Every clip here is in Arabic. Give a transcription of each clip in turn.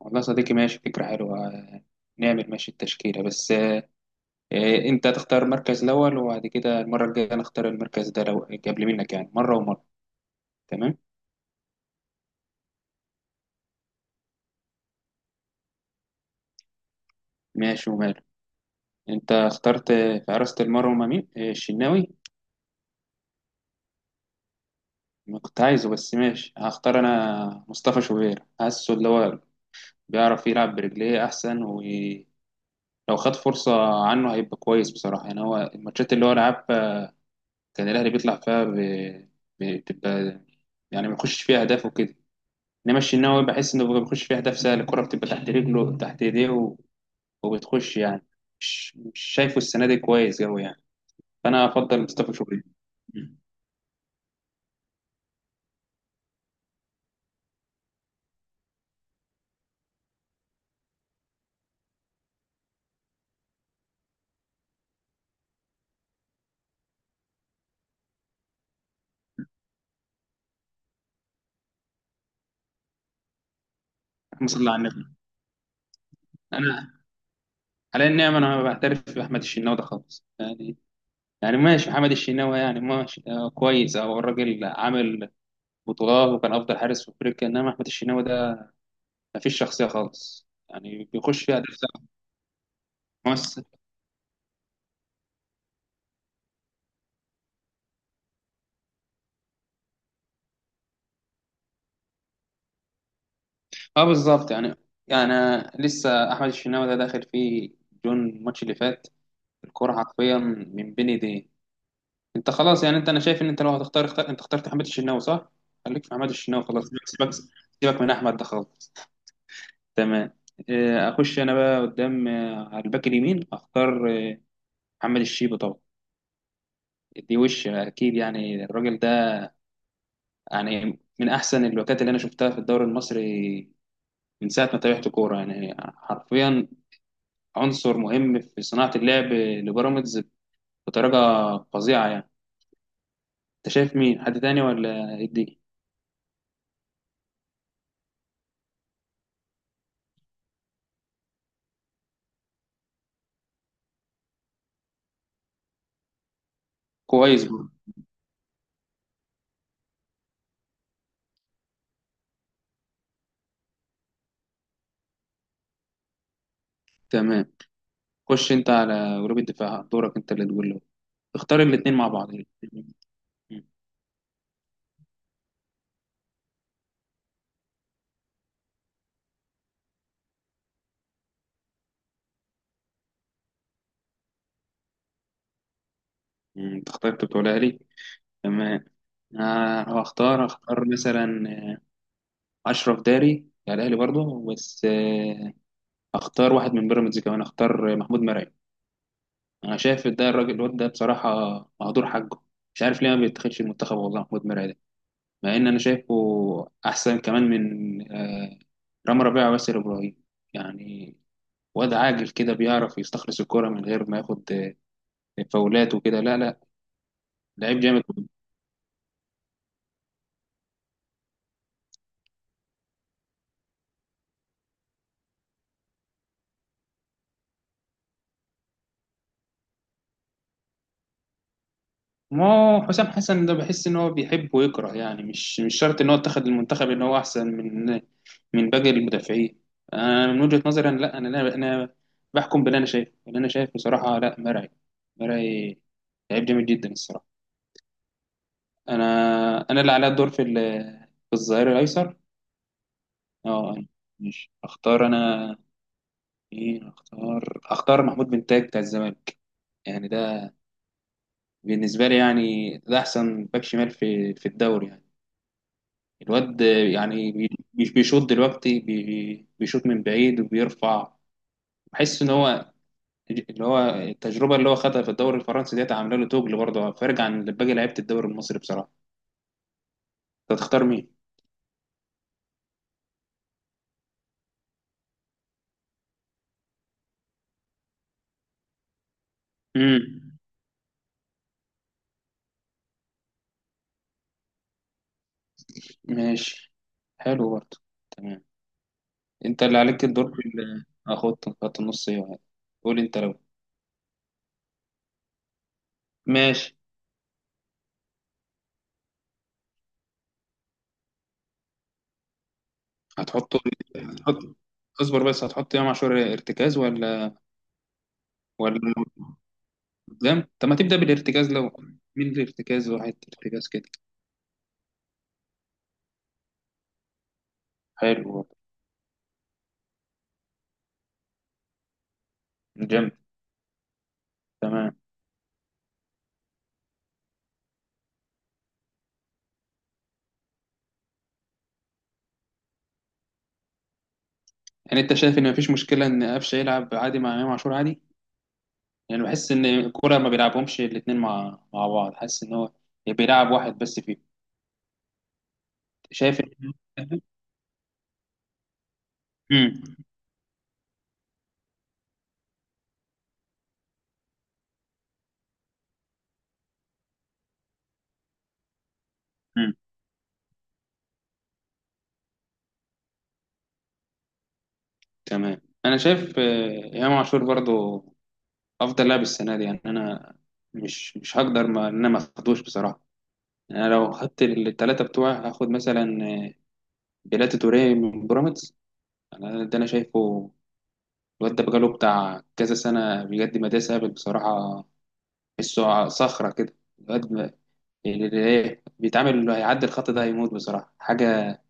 والله صديقي ماشي فكرة حلوة نعمل ماشي التشكيلة بس أنت تختار المركز الأول وبعد كده المرة الجاية نختار المركز ده لو قبل منك يعني مرة ومرة. تمام. ماشي وماله. أنت اخترت في حراسة المرمى مين؟ الشناوي. ما كنت عايزه بس ماشي، هختار أنا مصطفى شوبير، حاسه اللي هو بيعرف يلعب برجليه أحسن، ولو خد فرصة عنه هيبقى كويس بصراحة يعني. هو الماتشات اللي هو لعبها كان الأهلي بيطلع فيها بتبقى يعني ما يخش فيها أهداف وكده. انما الشناوي بحس انه بيخش فيها اهداف سهله، الكره بتبقى تحت رجله تحت ايديه وبتخش يعني. مش شايفه السنه دي كويس قوي يعني، فانا افضل مصطفى شوبير. مم. اللهم صل على النبي. انا على النعم، انا ما بعترف باحمد الشناوي ده خالص يعني. يعني ماشي محمد الشناوي يعني ماشي كويس، او الراجل عامل بطولات وكان افضل حارس في افريقيا، انما احمد الشناوي ده ما فيش شخصيه خالص يعني، بيخش فيها اهداف سهله. ممثل. اه بالظبط يعني لسه احمد الشناوي ده داخل فيه جون الماتش اللي فات، الكرة حرفيا من بين ايديه. انت خلاص يعني، انت انا شايف ان انت لو هتختار اختار، انت اخترت حماد الشناوي صح؟ خليك في حماد الشناوي خلاص، سيبك سيبك سيبك من احمد ده خالص. تمام. اخش انا بقى قدام، على الباك اليمين اختار محمد الشيبي طبعا. دي وش اكيد يعني، الراجل ده يعني من احسن الباكات اللي انا شفتها في الدوري المصري من ساعه ما تابعت كوره، يعني حرفيا عنصر مهم في صناعه اللعب لبيراميدز بطريقه فظيعه يعني. انت شايف مين؟ حد تاني ولا إيه الدنيا؟ كويس. تمام. خش انت على جروب الدفاع، دورك انت اللي تقول له اختار الاثنين مع بعض. مم. تختار انت بتقولها لي. تمام. آه هختار مثلا اشرف داري بتاع الاهلي برضه، بس هختار واحد من بيراميدز كمان، هختار محمود مرعي. انا شايف ده الراجل الواد ده بصراحه مهدور حقه، مش عارف ليه ما بيتخدش المنتخب والله. محمود مرعي ده، مع ان انا شايفه احسن كمان من رامي ربيعه وياسر ابراهيم يعني، واد عاجل كده، بيعرف يستخلص الكرة من غير ما ياخد فاولات وكده. لا لا، لعيب جامد. ما هو حسام حسن ده بحس ان هو بيحب ويكره يعني، مش شرط ان هو اتخذ المنتخب ان هو احسن من باقي المدافعين. انا من وجهة نظري انا، لا انا انا أنا بحكم باللي انا شايفه، اللي انا شايف بصراحة، لا مرعي، مرعي لعيب جامد جدا الصراحة. انا انا اللي عليا الدور في الظهير الايسر. اه أنا مش اختار انا مين، اختار محمود بن تاج بتاع الزمالك يعني. ده بالنسبة لي يعني ده أحسن باك شمال في الدوري يعني، الواد يعني بيشوط دلوقتي، بيشوط من بعيد وبيرفع. بحس إن هو، اللي هو التجربة اللي هو خدها في الدوري الفرنسي ديت، عاملة له توجل برضه فارق عن باقي لعيبة الدوري المصري بصراحة. أنت تختار مين؟ امم ماشي. حلو برضه. تمام. أنت اللي عليك الدور في ال- آه، خط النص إيه؟ يعني؟ قول أنت لو ماشي. هتحطه، هتحط، اصبر بس، هتحط إمام عاشور ارتكاز ولا؟ ولا جامد؟ طب ما تبدأ بالارتكاز لو، من الارتكاز، وحيد ارتكاز كده. حلو. جامد. تمام. يعني انت شايف ان مفيش مشكلة ان قفشة يلعب عادي مع امام عاشور عادي؟ يعني بحس ان الكورة ما بيلعبهمش الاتنين مع بعض، حاسس ان هو بيلعب واحد بس فيه. شايف ان امم امم تمام. انا شايف امام عاشور برضو افضل لاعب السنة دي يعني، انا مش هقدر ما ان انا ما اخدوش بصراحة. يعني انا لو خدت الثلاثة بتوعي هاخد مثلا آه، بيلاتي توريه من بيراميدز. يعني انا ده انا شايفه الواد ده بقاله بتاع كذا سنه بجد، ما ده سابق بصراحه، تحسه صخره كده الواد اللي ايه بيتعامل، اللي هيعدي الخط ده هيموت بصراحه. حاجه،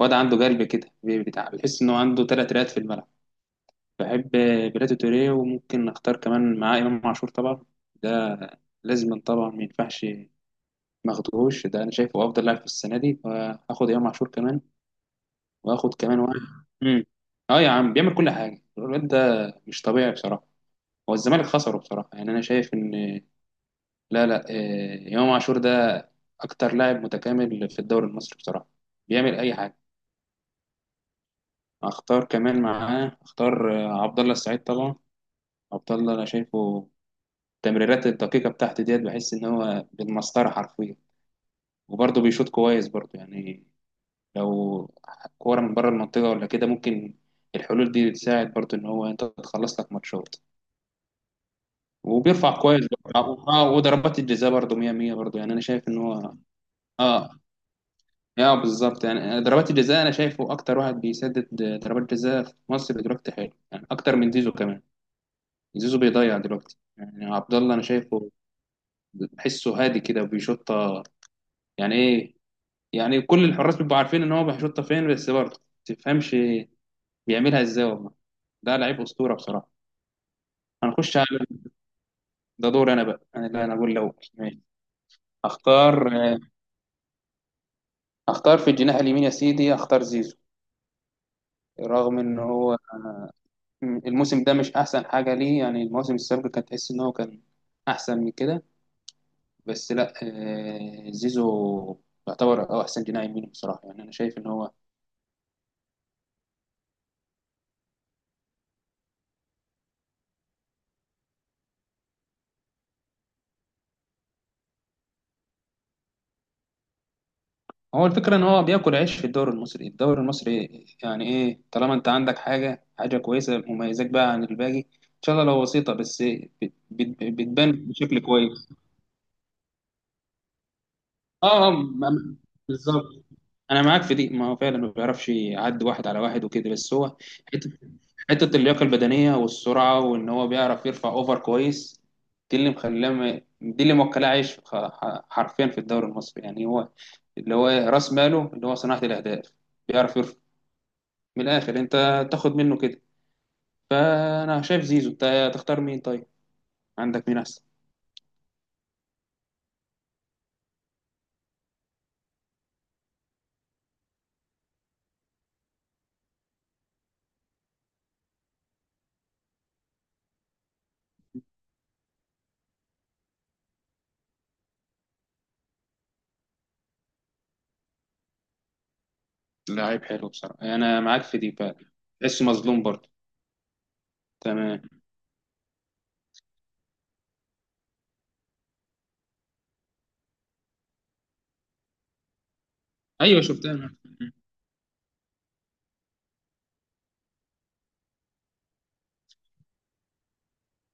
واد عنده قلب كده بتاع، بتحس انه عنده ثلاث رئات في الملعب. بحب بيراتو توريه، وممكن نختار كمان معاه امام عاشور طبعا، ده لازم طبعا، ما ينفعش ما اخدهوش، ده انا شايفه افضل لاعب في السنه دي، فاخد امام عاشور كمان، واخد كمان واحد. مم. اه يا عم، بيعمل كل حاجه الواد ده، مش طبيعي بصراحه. هو الزمالك خسره بصراحة يعني، أنا شايف إن، لا لا، إمام عاشور ده أكتر لاعب متكامل في الدوري المصري بصراحة، بيعمل أي حاجة. أختار كمان معاه، أختار عبد الله السعيد طبعا. عبد الله أنا شايفه التمريرات الدقيقة بتاعته ديت، بحس إن هو بالمسطرة حرفيا، وبرضه بيشوط كويس برضه يعني. لو كورة من بره المنطقة ولا كده ممكن الحلول دي تساعد برضه إن هو أنت تخلص لك ماتشات، وبيرفع كويس برضه. اه، وضربات الجزاء برضه 100 100 برضه يعني، انا شايف ان هو. اه اه بالظبط يعني، ضربات الجزاء انا شايفه اكتر واحد بيسدد ضربات جزاء في مصر دلوقتي، حلو يعني اكتر من زيزو كمان. زيزو بيضيع دلوقتي يعني، عبد الله انا شايفه بحسه هادي كده وبيشوطها، يعني ايه، يعني كل الحراس بيبقوا عارفين ان هو بيشوطها فين، بس برضه ما تفهمش بيعملها ازاي والله، ده لعيب اسطوره بصراحه. هنخش على، ده دور انا بقى انا، لا انا اقول لو ماشي. اختار اختار في الجناح اليمين يا سيدي، اختار زيزو. رغم ان هو الموسم ده مش احسن حاجه ليه يعني، المواسم السابقه كانت تحس ان هو كان احسن من كده، بس لا زيزو يعتبر هو احسن جناح يمين بصراحه يعني، انا شايف ان هو، هو الفكره ان هو بياكل عيش في الدوري المصري، الدوري المصري يعني ايه، طالما انت عندك حاجه حاجه كويسه مميزاك بقى عن الباقي ان شاء الله، لو بسيطه بس بتبان بشكل كويس. اه م- بالظبط. انا معاك في دي، ما هو فعلا ما بيعرفش يعدي واحد على واحد وكده، بس هو حته حته اللياقه البدنيه والسرعه وان هو بيعرف يرفع اوفر كويس، دي اللي مخلاه، دي اللي موكلاه عايش حرفيا في الدوري المصري يعني، هو اللي هو راس ماله اللي هو صناعه الاهداف، بيعرف يرفع. من الاخر انت تاخد منه كده، فانا شايف زيزو. انت تختار مين طيب؟ عندك مين احسن؟ لعيب حلو بصراحه، انا معاك في دي فعلا. تحسه مظلوم برضه. تمام. ايوه شفتها.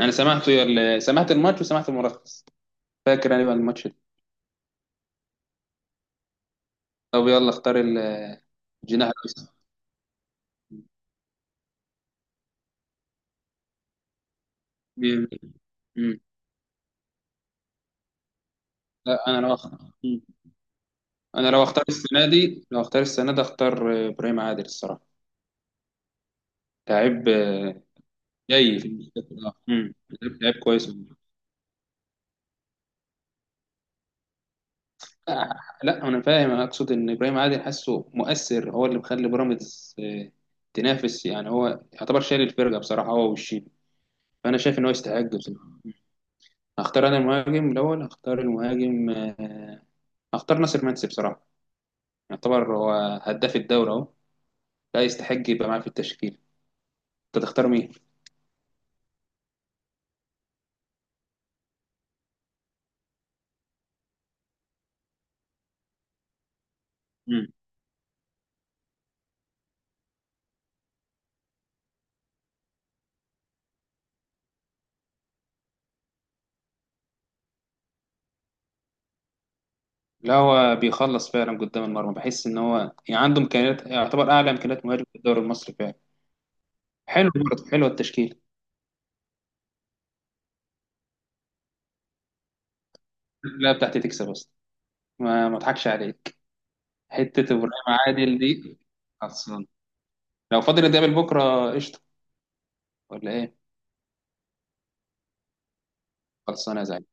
انا سمعته سمعت الماتش وسمعت الملخص، فاكر انا بقى الماتش ده. طب يلا اختار الجناح الايسر. مين؟ مم. لا انا لو مم. انا لو اختار السنه دي اختار ابراهيم عادل الصراحه، لعيب جاي في المستقبل. لعيب لعيب كويس آه، لا انا فاهم، انا اقصد ان ابراهيم عادل حاسه مؤثر، هو اللي مخلي بيراميدز تنافس يعني، هو يعتبر شايل الفرقه بصراحه هو والشيبي، فانا شايف ان هو يستحق بصراحه. هختار انا المهاجم الاول، هختار المهاجم هختار ناصر منسي بصراحه، يعتبر هو هداف الدوري اهو، لا يستحق يبقى معاه في التشكيل. انت تختار مين؟ مم. لا هو بيخلص فعلا قدام المرمى، بحس ان هو يعني عنده امكانيات، يعتبر اعلى امكانيات مهاجم في الدوري المصري فعلا. حلو برضه، حلوه التشكيل. لا بتاعتي تكسب اصلا، ما اضحكش عليك. حته ابراهيم عادل دي خلصان، لو فاضل نتقابل بكره قشطه ولا ايه؟ خلصانه يا زعيم.